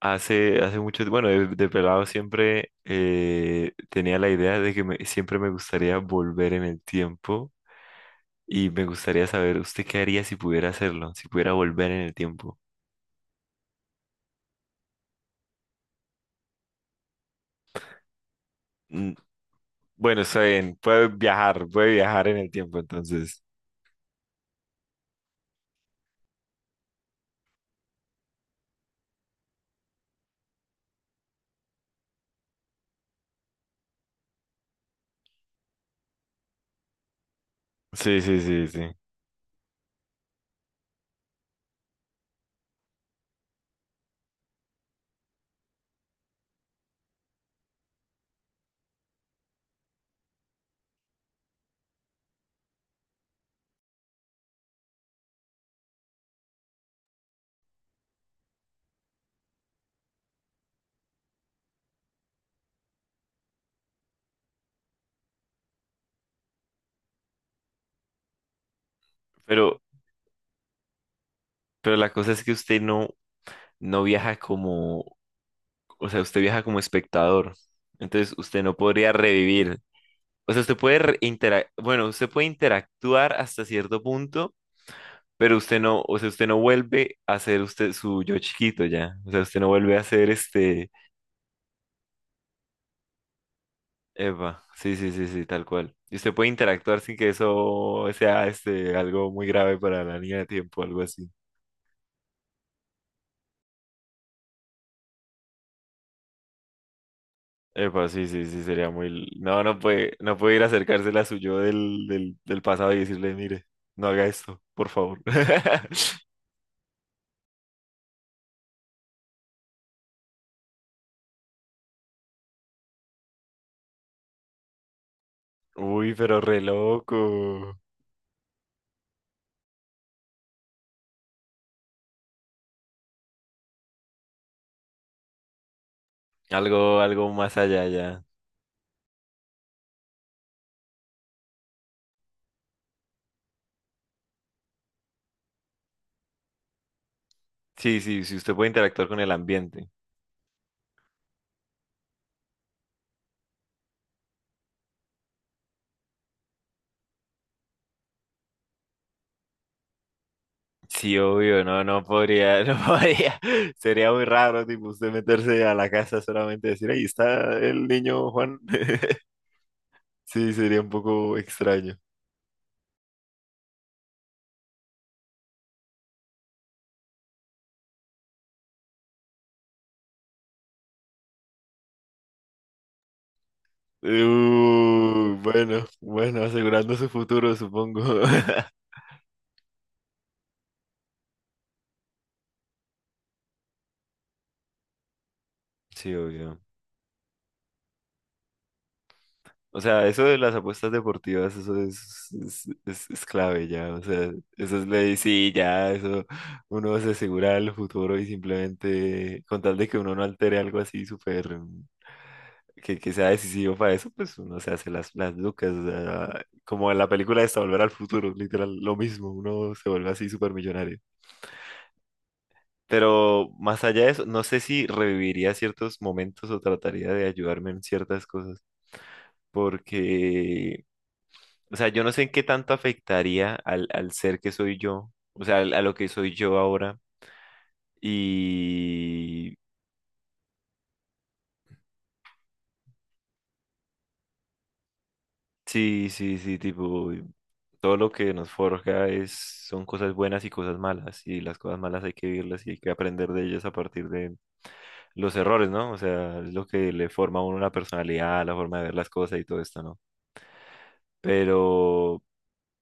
Hace mucho, bueno, de pelado siempre tenía la idea de que siempre me gustaría volver en el tiempo y me gustaría saber, ¿usted qué haría si pudiera hacerlo? Si pudiera volver en el tiempo. Mm, Bueno, está bien, puede viajar en el tiempo, entonces. Sí, sí, sí, sí. Pero, pero la cosa es que usted no, no viaja como, o sea, usted viaja como espectador. Entonces, usted no podría revivir. O sea, usted puede bueno, usted puede interactuar hasta cierto punto. Pero usted no, o sea, usted no vuelve a ser usted su yo chiquito ya. O sea, usted no vuelve a ser este. Eva, sí, sí, sí, sí, tal cual. Y usted puede interactuar sin que eso sea este algo muy grave para la línea de tiempo, algo así. Epa, sí, sí, sí, sería muy. No, no puede, no puede ir a acercársela a su yo del pasado y decirle, mire, no haga esto, por favor. Uy, pero re loco. Algo, algo más allá ya. Sí, sí, sí, usted puede interactuar con el ambiente. Sí, obvio, no, no podría, no podría. Sería muy raro, tipo, usted meterse a la casa solamente y decir, ahí está el niño Juan. Sí, sería un poco extraño. Bueno, bueno, asegurando su futuro, supongo. Sí, obvio. O sea, eso de las apuestas deportivas, eso es clave ya. O sea, eso es ley, sí, ya, eso uno se asegura el futuro y simplemente con tal de que uno no altere algo así súper que sea decisivo para eso, pues uno se hace las lucas. O sea, como en la película esta, Volver al Futuro, literal, lo mismo, uno se vuelve así súper millonario. Pero más allá de eso, no sé si reviviría ciertos momentos o trataría de ayudarme en ciertas cosas, porque o sea, yo no sé en qué tanto afectaría al ser que soy yo, o sea, a lo que soy yo ahora. Y sí, sí, sí, tipo, todo lo que nos forja es, son cosas buenas y cosas malas. Y las cosas malas hay que vivirlas y hay que aprender de ellas a partir de los errores, ¿no? O sea, es lo que le forma a uno una personalidad, la forma de ver las cosas y todo esto, ¿no? Pero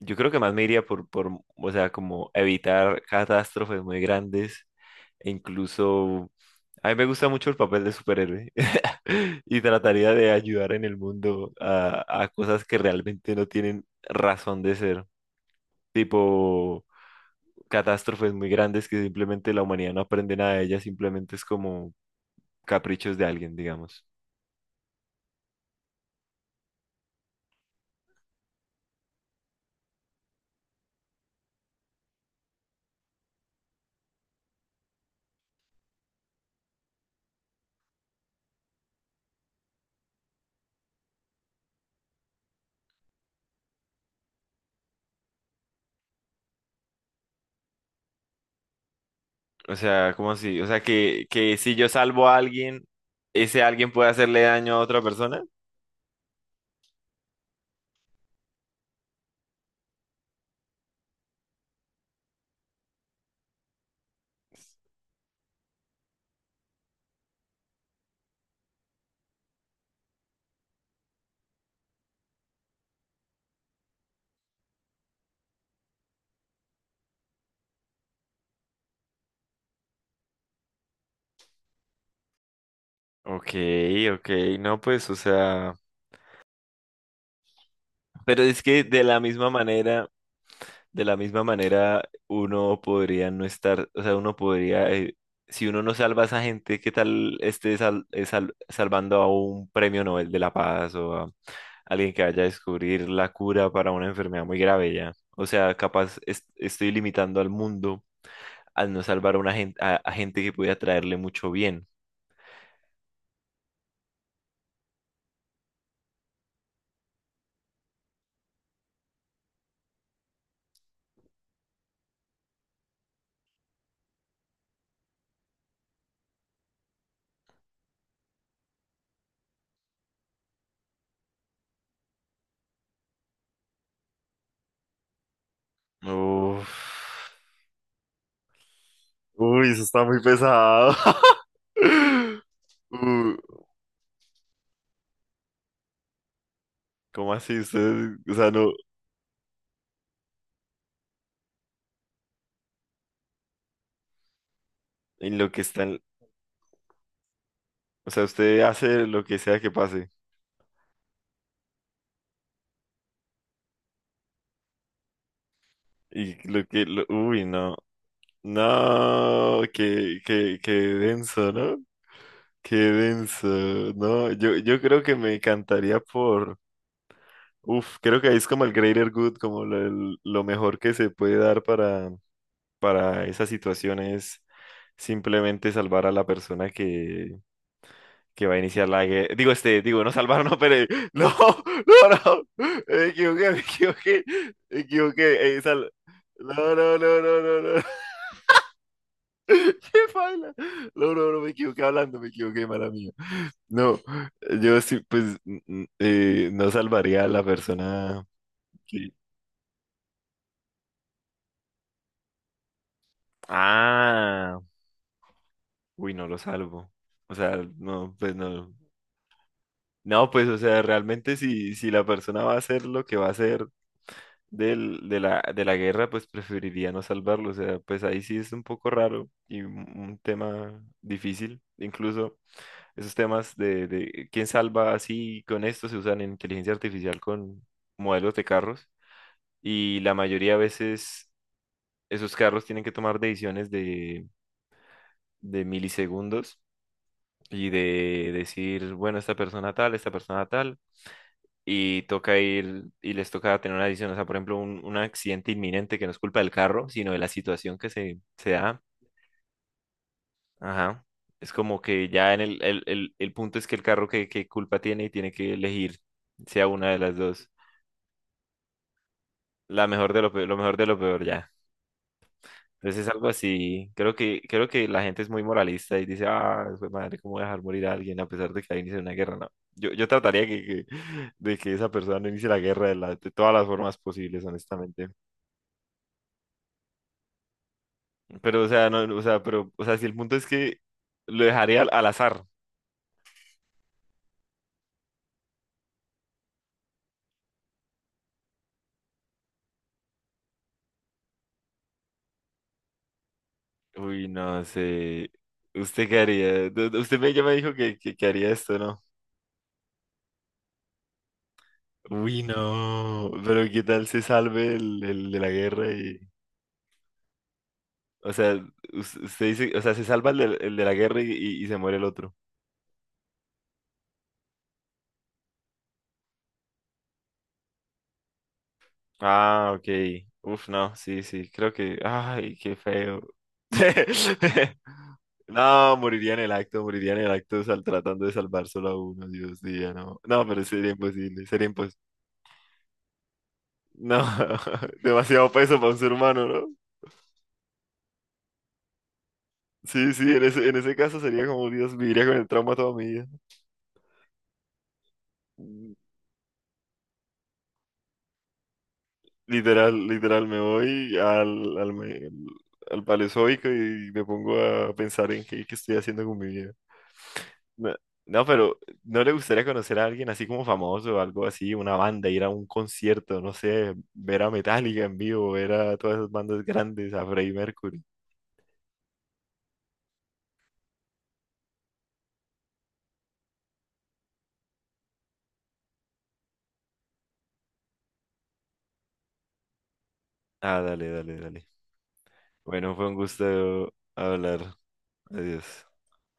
yo creo que más me iría o sea, como evitar catástrofes muy grandes. E incluso a mí me gusta mucho el papel de superhéroe y trataría de ayudar en el mundo a cosas que realmente no tienen razón de ser, tipo catástrofes muy grandes que simplemente la humanidad no aprende nada de ellas, simplemente es como caprichos de alguien, digamos. O sea, ¿cómo así? O sea, que si yo salvo a alguien, ese alguien puede hacerle daño a otra persona. Ok, ok, no, pues, o sea, pero es que de la misma manera. De la misma manera, uno podría no estar, o sea, uno podría, si uno no salva a esa gente, ¿qué tal esté salvando a un premio Nobel de la Paz o a alguien que vaya a descubrir la cura para una enfermedad muy grave ya? O sea, capaz estoy limitando al mundo al no salvar a una gente, a gente que pudiera traerle mucho bien. Uf. Uy, eso está muy pesado. Uh, uh, ¿cómo así? Usted, o sea, no, en lo que está. O sea, usted hace lo que sea que pase. Y lo que... Uy, no. No, qué, qué, qué denso, ¿no? Qué denso. No, yo creo que me encantaría por... Uf, creo que ahí es como el greater good, como lo, lo mejor que se puede dar para esa situación es simplemente salvar a la persona que va a iniciar la guerra. Digo, este, digo, no salvar, no, pero. No, no, no. Me equivoqué, me equivoqué. Me equivoqué. No, no, no, no, no, no. ¿Qué baila? No, no, no, me equivoqué hablando, me equivoqué, mala mía. No, yo sí, pues, no salvaría a la persona que- ah, uy, no lo salvo. O sea, no, pues no. No, pues, o sea, realmente si, si la persona va a hacer lo que va a hacer de la guerra, pues preferiría no salvarlo. O sea, pues ahí sí es un poco raro y un tema difícil. Incluso esos temas de quién salva así con esto se usan en inteligencia artificial con modelos de carros y la mayoría de veces esos carros tienen que tomar decisiones de milisegundos y de decir, bueno, esta persona tal, esta persona tal. Y toca ir y les toca tener una decisión, o sea, por ejemplo, un accidente inminente que no es culpa del carro, sino de la situación que se da. Ajá. Es como que ya en el punto es que el carro que, culpa tiene y tiene que elegir, sea una de las dos. La mejor de lo peor, lo mejor de lo peor ya. Entonces es algo así, creo que la gente es muy moralista y dice, ah, jue madre, ¿cómo voy a dejar morir a alguien a pesar de que haya iniciado una guerra? No, yo trataría de que esa persona no inicie la guerra de, de todas las formas posibles, honestamente. Pero, o sea, no, o sea, pero, o sea, si el punto es que lo dejaría al azar. Uy, no sé. ¿Usted qué haría? Usted me, ya me dijo que haría esto, ¿no? Uy, no. Pero ¿qué tal se salve el de la guerra y... O sea, usted dice, o sea, se salva el de la guerra y, y se muere el otro. Ah, ok. Uf, no, sí, sí, creo que... Ay, qué feo. No, moriría en el acto, moriría en el acto tratando de salvar solo a uno, Dios mío, no. No, pero sería imposible, sería imposible. No, demasiado peso para un ser humano, ¿no? Sí, sí, en ese caso sería como, Dios, viviría con el trauma toda mi vida. Mm, Literal, literal, me voy al Paleozoico y me pongo a pensar en qué, qué estoy haciendo con mi vida. No, no, pero ¿no le gustaría conocer a alguien así como famoso o algo así, una banda, ir a un concierto, no sé, ver a Metallica en vivo, ver a todas esas bandas grandes, a Freddie Mercury? Ah, dale, dale, dale. Bueno, fue un gusto hablar. Adiós.